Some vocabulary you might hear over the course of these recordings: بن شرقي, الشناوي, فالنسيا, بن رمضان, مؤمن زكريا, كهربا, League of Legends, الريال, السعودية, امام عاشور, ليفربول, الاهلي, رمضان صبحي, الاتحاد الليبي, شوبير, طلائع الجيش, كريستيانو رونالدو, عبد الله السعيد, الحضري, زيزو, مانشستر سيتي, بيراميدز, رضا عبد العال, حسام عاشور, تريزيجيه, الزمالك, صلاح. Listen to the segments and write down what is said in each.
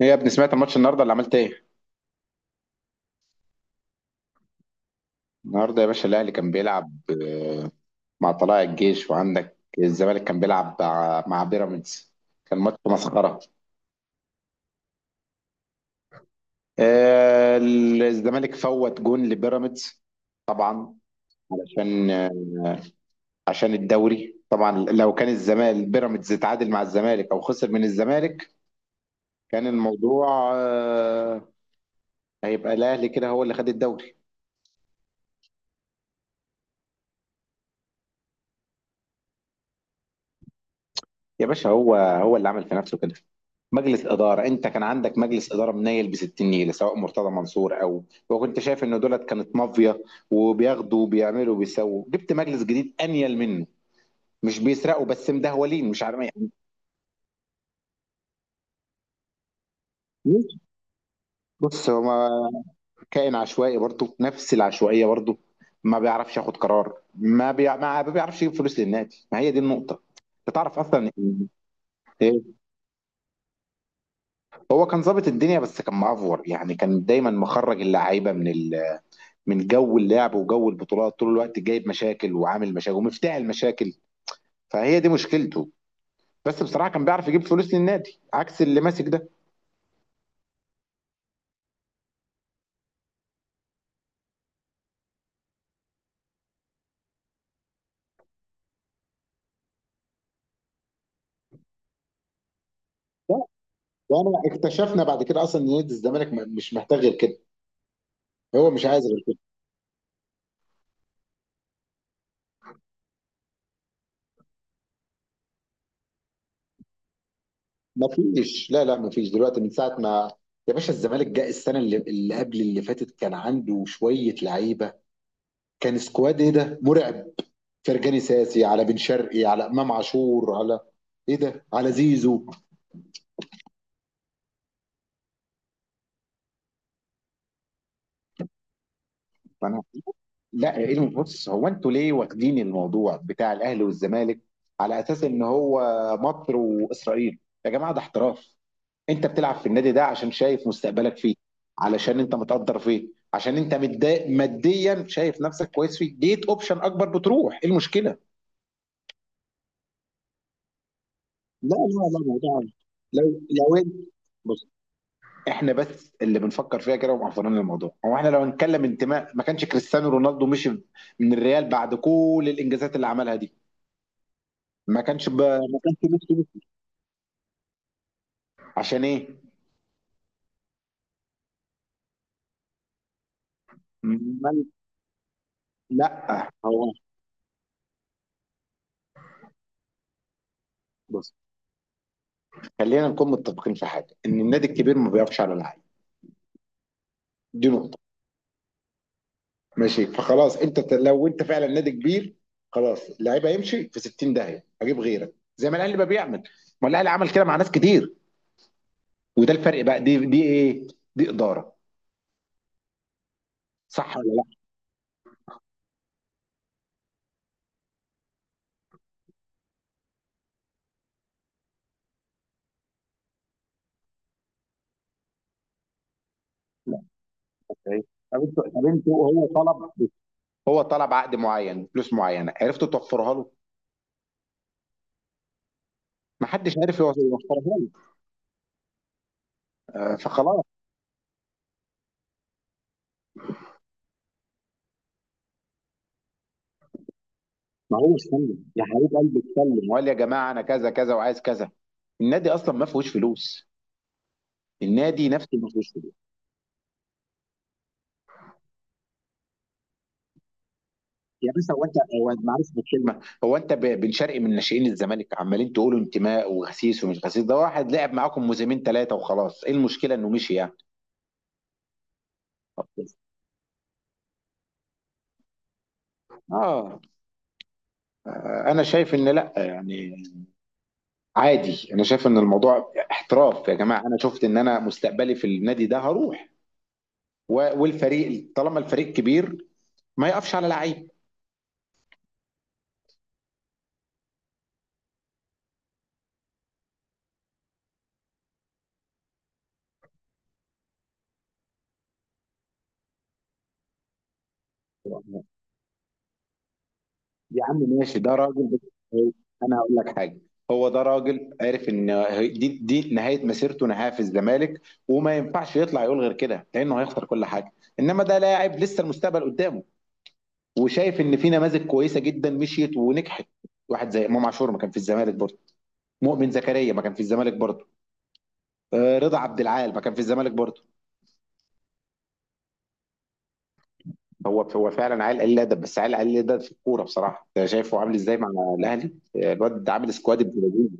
ايه يا ابني، سمعت الماتش النهارده اللي عملت ايه؟ النهارده يا باشا الاهلي كان بيلعب آه، مع طلائع الجيش، وعندك الزمالك كان بيلعب مع بيراميدز. كان ماتش مسخره. آه، الزمالك فوت جون لبيراميدز. طبعا علشان عشان الدوري. طبعا لو كان الزمالك بيراميدز اتعادل مع الزمالك او خسر من الزمالك، كان الموضوع هيبقى الاهلي كده هو اللي خد الدوري. يا باشا هو اللي عمل في نفسه كده. مجلس إدارة أنت كان عندك مجلس إدارة منيل بستين نيلة، سواء مرتضى منصور أو. وكنت شايف إن دولت كانت مافيا، وبياخدوا وبيعملوا وبيسووا. جبت مجلس جديد أنيل منه، مش بيسرقوا بس مدهولين، مش عارف يعني. بص هو كائن عشوائي برضه، نفس العشوائية برضه. ما بيعرفش ياخد قرار، ما بيعرفش يجيب فلوس للنادي، ما هي دي النقطة. انت تعرف اصلا إن. إيه؟ هو كان ظابط الدنيا بس كان معفور يعني، كان دايما مخرج اللعيبه من من جو اللعب وجو البطولات، طول الوقت جايب مشاكل وعامل مشاكل ومفتاح المشاكل. فهي دي مشكلته. بس بصراحه كان بيعرف يجيب فلوس للنادي، عكس اللي ماسك ده. لا، وانا اكتشفنا بعد كده اصلا ان نادي الزمالك مش محتاج غير كده. هو مش عايز غير كده. مفيش، لا لا، مفيش دلوقتي من ساعه ما. يا باشا الزمالك جاء السنه اللي قبل اللي فاتت كان عنده شويه لعيبه. كان سكواد ايه ده مرعب، فرجاني ساسي على بن شرقي على امام عاشور على ايه ده على زيزو. فانا. لا، إيه بص، هو انتوا ليه واخدين الموضوع بتاع الاهلي والزمالك على اساس ان هو مصر واسرائيل؟ يا جماعه ده احتراف. انت بتلعب في النادي ده عشان شايف مستقبلك فيه، علشان انت متقدر فيه، عشان انت متضايق ماديا، شايف نفسك كويس فيه، جيت اوبشن اكبر بتروح، ايه المشكله؟ لا لا لا، الموضوع لو، لو انت بص، احنا بس اللي بنفكر فيها كده ومعفرين الموضوع. هو احنا لو هنتكلم انتماء، ما كانش كريستيانو رونالدو مشي من الريال بعد كل الانجازات اللي عملها دي. ما كانش نفسه. عشان ايه؟ ما- لا هو بص، خلينا نكون متفقين في حاجه ان النادي الكبير ما بيقفش على اللعيب. دي نقطه. ماشي، فخلاص انت لو انت فعلا نادي كبير، خلاص اللعيب هيمشي في 60 داهيه، هجيب غيرك زي ما الاهلي بقى بيعمل. ما الاهلي عمل كده مع ناس كتير. وده الفرق بقى، دي ايه؟ دي اداره. صح ولا لا؟ لا. إيه؟ طب انتوا هو طلب عقد معين فلوس معينه، عرفتوا توفرها له؟ ما حدش عارف يوفرها له. فخلاص. ما هو اتكلم يا حبيب قلبي، اتكلم وقال يا جماعه انا كذا كذا وعايز كذا. النادي اصلا ما فيهوش فلوس، النادي نفسه ما فيهوش فلوس. يا باشا هو انت هو معلش بالكلمه، هو انت بن شرقي من ناشئين الزمالك، عمالين تقولوا انتماء وغسيس ومش غسيس، ده واحد لعب معاكم موسمين ثلاثه وخلاص، ايه المشكله انه مشي يعني؟ اه، انا شايف ان لا يعني، عادي. انا شايف ان الموضوع احتراف يا جماعه، انا شفت ان انا مستقبلي في النادي ده هروح. والفريق طالما الفريق كبير ما يقفش على لعيب. يا عم ماشي، ده راجل بس. انا هقول لك حاجه. هو ده راجل عارف ان دي نهايه مسيرته، نهايه في الزمالك، وما ينفعش يطلع يقول غير كده لانه هيخسر كل حاجه. انما ده لاعب لسه المستقبل قدامه، وشايف ان في نماذج كويسه جدا مشيت ونجحت. واحد زي امام عاشور ما كان في الزمالك برضه، مؤمن زكريا ما كان في الزمالك برضه، رضا عبد العال ما كان في الزمالك برضه. هو فعلا عيل قليل ادب، بس عيل قليل ادب في الكوره بصراحه. انت شايفه عامل ازاي مع الاهلي؟ الواد عامل سكواد ابن لذيذ.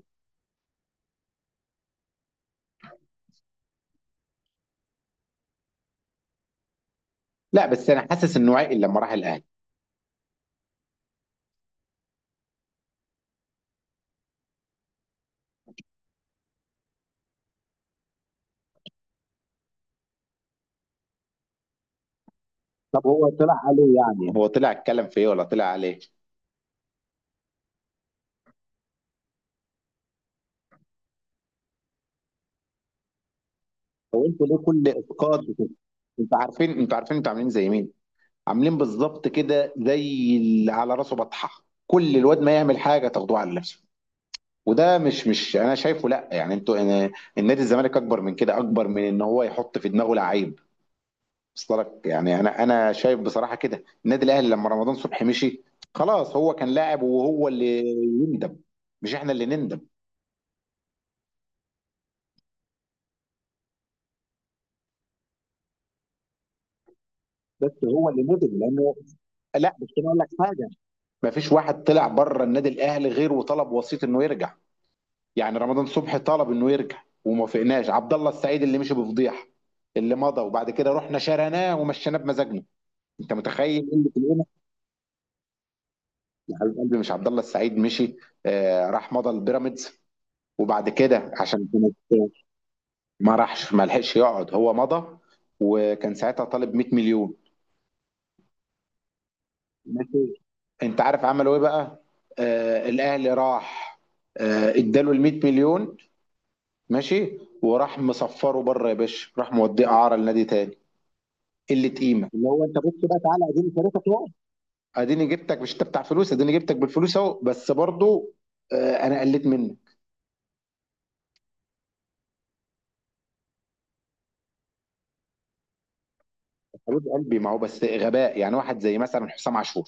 لا بس انا حاسس انه عقل لما راح الاهلي. طب هو طلع عليه يعني؟ هو طلع اتكلم في ايه ولا طلع على ايه؟ هو انتوا ليه كل اسقاط بتبقى؟ انتوا عارفين انتوا عاملين زي مين؟ عاملين بالظبط كده زي اللي على راسه بطحه، كل الواد ما يعمل حاجه تاخدوه على نفسه. وده مش انا شايفه لا يعني، انتوا. أنا- النادي الزمالك اكبر من كده، اكبر من ان هو يحط في دماغه لعيب. وصل لك يعني؟ انا شايف بصراحه كده النادي الاهلي لما رمضان صبحي مشي، خلاص هو كان لاعب وهو اللي يندم، مش احنا اللي نندم. بس هو اللي نزل لانه. لا بس انا اقول لك حاجه، ما فيش واحد طلع بره النادي الاهلي غير وطلب وسيط انه يرجع. يعني رمضان صبحي طلب انه يرجع، وما فقناش عبد الله السعيد اللي مشي بفضيحه، اللي مضى وبعد كده رحنا شرناه ومشيناه بمزاجنا. انت متخيل قله القيمه؟ يا حبيب قلبي مش عبد الله السعيد مشي، آه راح مضى البيراميدز، وبعد كده عشان كانت. ما راحش، ما لحقش يقعد، هو مضى، وكان ساعتها طالب 100 مليون. ماشي. انت عارف عملوا ايه بقى؟ آه الاهلي راح، آه اداله ال 100 مليون، ماشي، وراح مصفره بره يا باشا، راح موديه اعاره لنادي تاني. قله قيمه اللي هو، انت بص بقى، تعالى اديني شريكك اهو، اديني جبتك، مش انت بتاع فلوس، اديني جبتك بالفلوس اهو، بس برضو. آه انا قلت منه. حبيب قلبي ما هو بس غباء يعني، واحد زي مثلا حسام عاشور.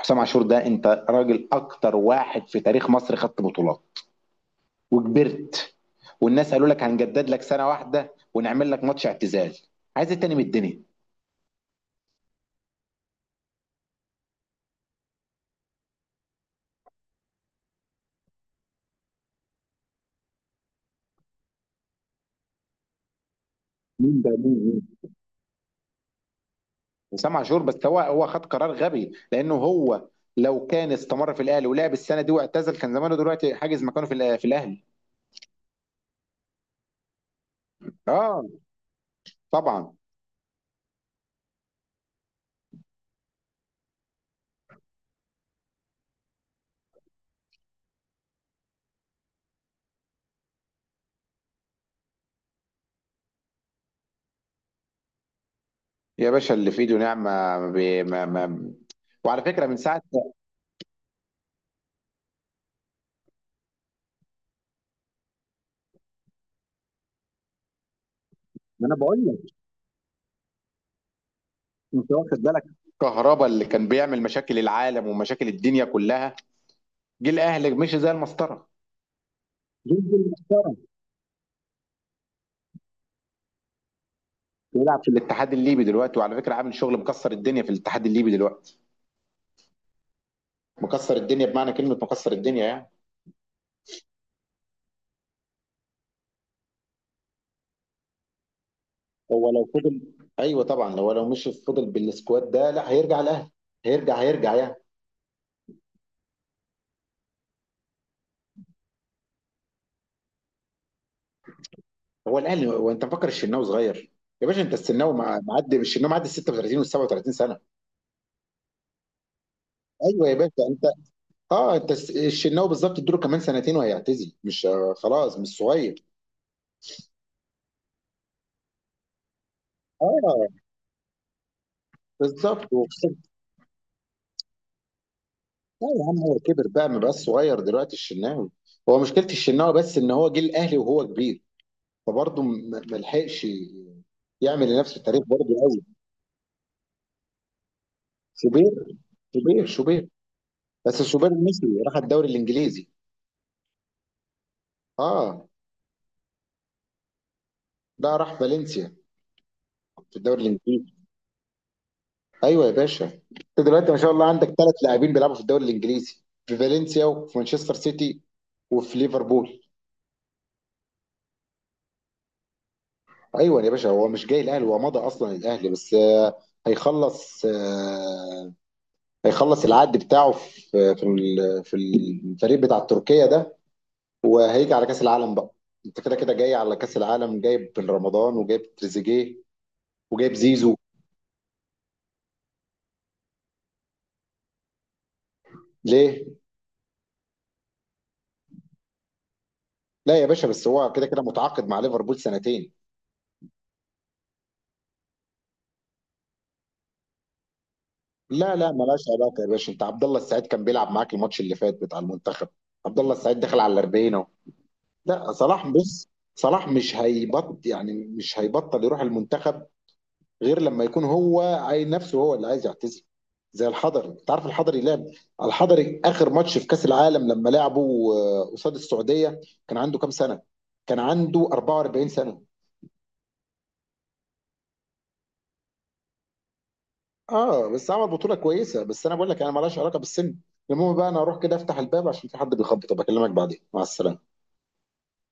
حسام عاشور ده، انت راجل اكتر واحد في تاريخ مصر خدت بطولات وكبرت، والناس قالوا لك هنجدد لك سنه واحده ونعمل لك ماتش اعتزال. عايز ايه تاني من الدنيا؟ مين ده؟ مين؟ مين؟ وسام عاشور، بس هو خد قرار غبي لانه هو لو كان استمر في الاهلي ولعب السنه دي واعتزل، كان زمانه دلوقتي حاجز مكانه في في الاهلي. اه طبعا. يا باشا اللي في ايده نعمه. ما بي- ما ما وعلى فكره من ساعه ما. انا بقول لك، انت واخد بالك؟ كهربا اللي كان بيعمل مشاكل العالم ومشاكل الدنيا كلها، جه الاهلي مشي زي المسطره، جد المحترم. بيلعب في الاتحاد الليبي دلوقتي، وعلى فكره عامل شغل مكسر الدنيا في الاتحاد الليبي دلوقتي. مكسر الدنيا بمعنى كلمه مكسر الدنيا يعني. هو لو فضل، ايوه طبعا، لو مش فضل بالسكواد ده، لا هيرجع الاهلي، هيرجع هيرجع يعني. هو الاهلي، هو انت مفكر الشناوي صغير؟ يا باشا انت الشناوي معدي، الشناوي معدي ال 36 وال 37 سنه. ايوه يا باشا انت. اه انت الشناوي بالظبط، اديله كمان سنتين وهيعتزل. مش خلاص مش صغير. اه بالظبط. لا يا عم هو كبر بقى، ما بقاش صغير دلوقتي الشناوي. هو مشكلة الشناوي بس ان هو جه الاهلي وهو كبير، فبرضه ما لحقش يعمل لنفسه تاريخ برضه قوي. شوبير، شوبير شوبير. بس شوبير المصري راح الدوري الانجليزي. اه، ده راح فالنسيا في الدوري الانجليزي. ايوه يا باشا، انت دلوقتي ما شاء الله عندك ثلاث لاعبين بيلعبوا في الدوري الانجليزي، في فالنسيا وفي مانشستر سيتي وفي ليفربول. ايوه يا باشا، هو مش جاي الاهلي، هو مضى اصلا الاهلي، بس هيخلص آه، هيخلص العقد بتاعه في في الفريق بتاع تركيا ده، وهيجي على كأس العالم بقى. انت كده كده جاي على كأس العالم، جايب بن رمضان وجايب تريزيجيه وجايب زيزو. ليه؟ لا يا باشا، بس هو كده كده متعاقد مع ليفربول سنتين. لا لا، ملهاش علاقة يا باشا. انت عبد الله السعيد كان بيلعب معاك الماتش اللي فات بتاع المنتخب، عبد الله السعيد دخل على 40 اهو. لا صلاح، بص صلاح مش هيبطل يعني، مش هيبطل يروح المنتخب غير لما يكون هو عايز نفسه، هو اللي عايز يعتزل. زي الحضري، انت عارف الحضري لعب، الحضري اخر ماتش في كاس العالم لما لعبه قصاد السعوديه كان عنده كام سنه؟ كان عنده 44 سنه. اه بس عمل بطوله كويسه. بس انا بقول لك انا مالهاش علاقه بالسن. المهم بقى انا اروح كده افتح الباب عشان في حد بيخبط، بكلمك بعدين، مع السلامه.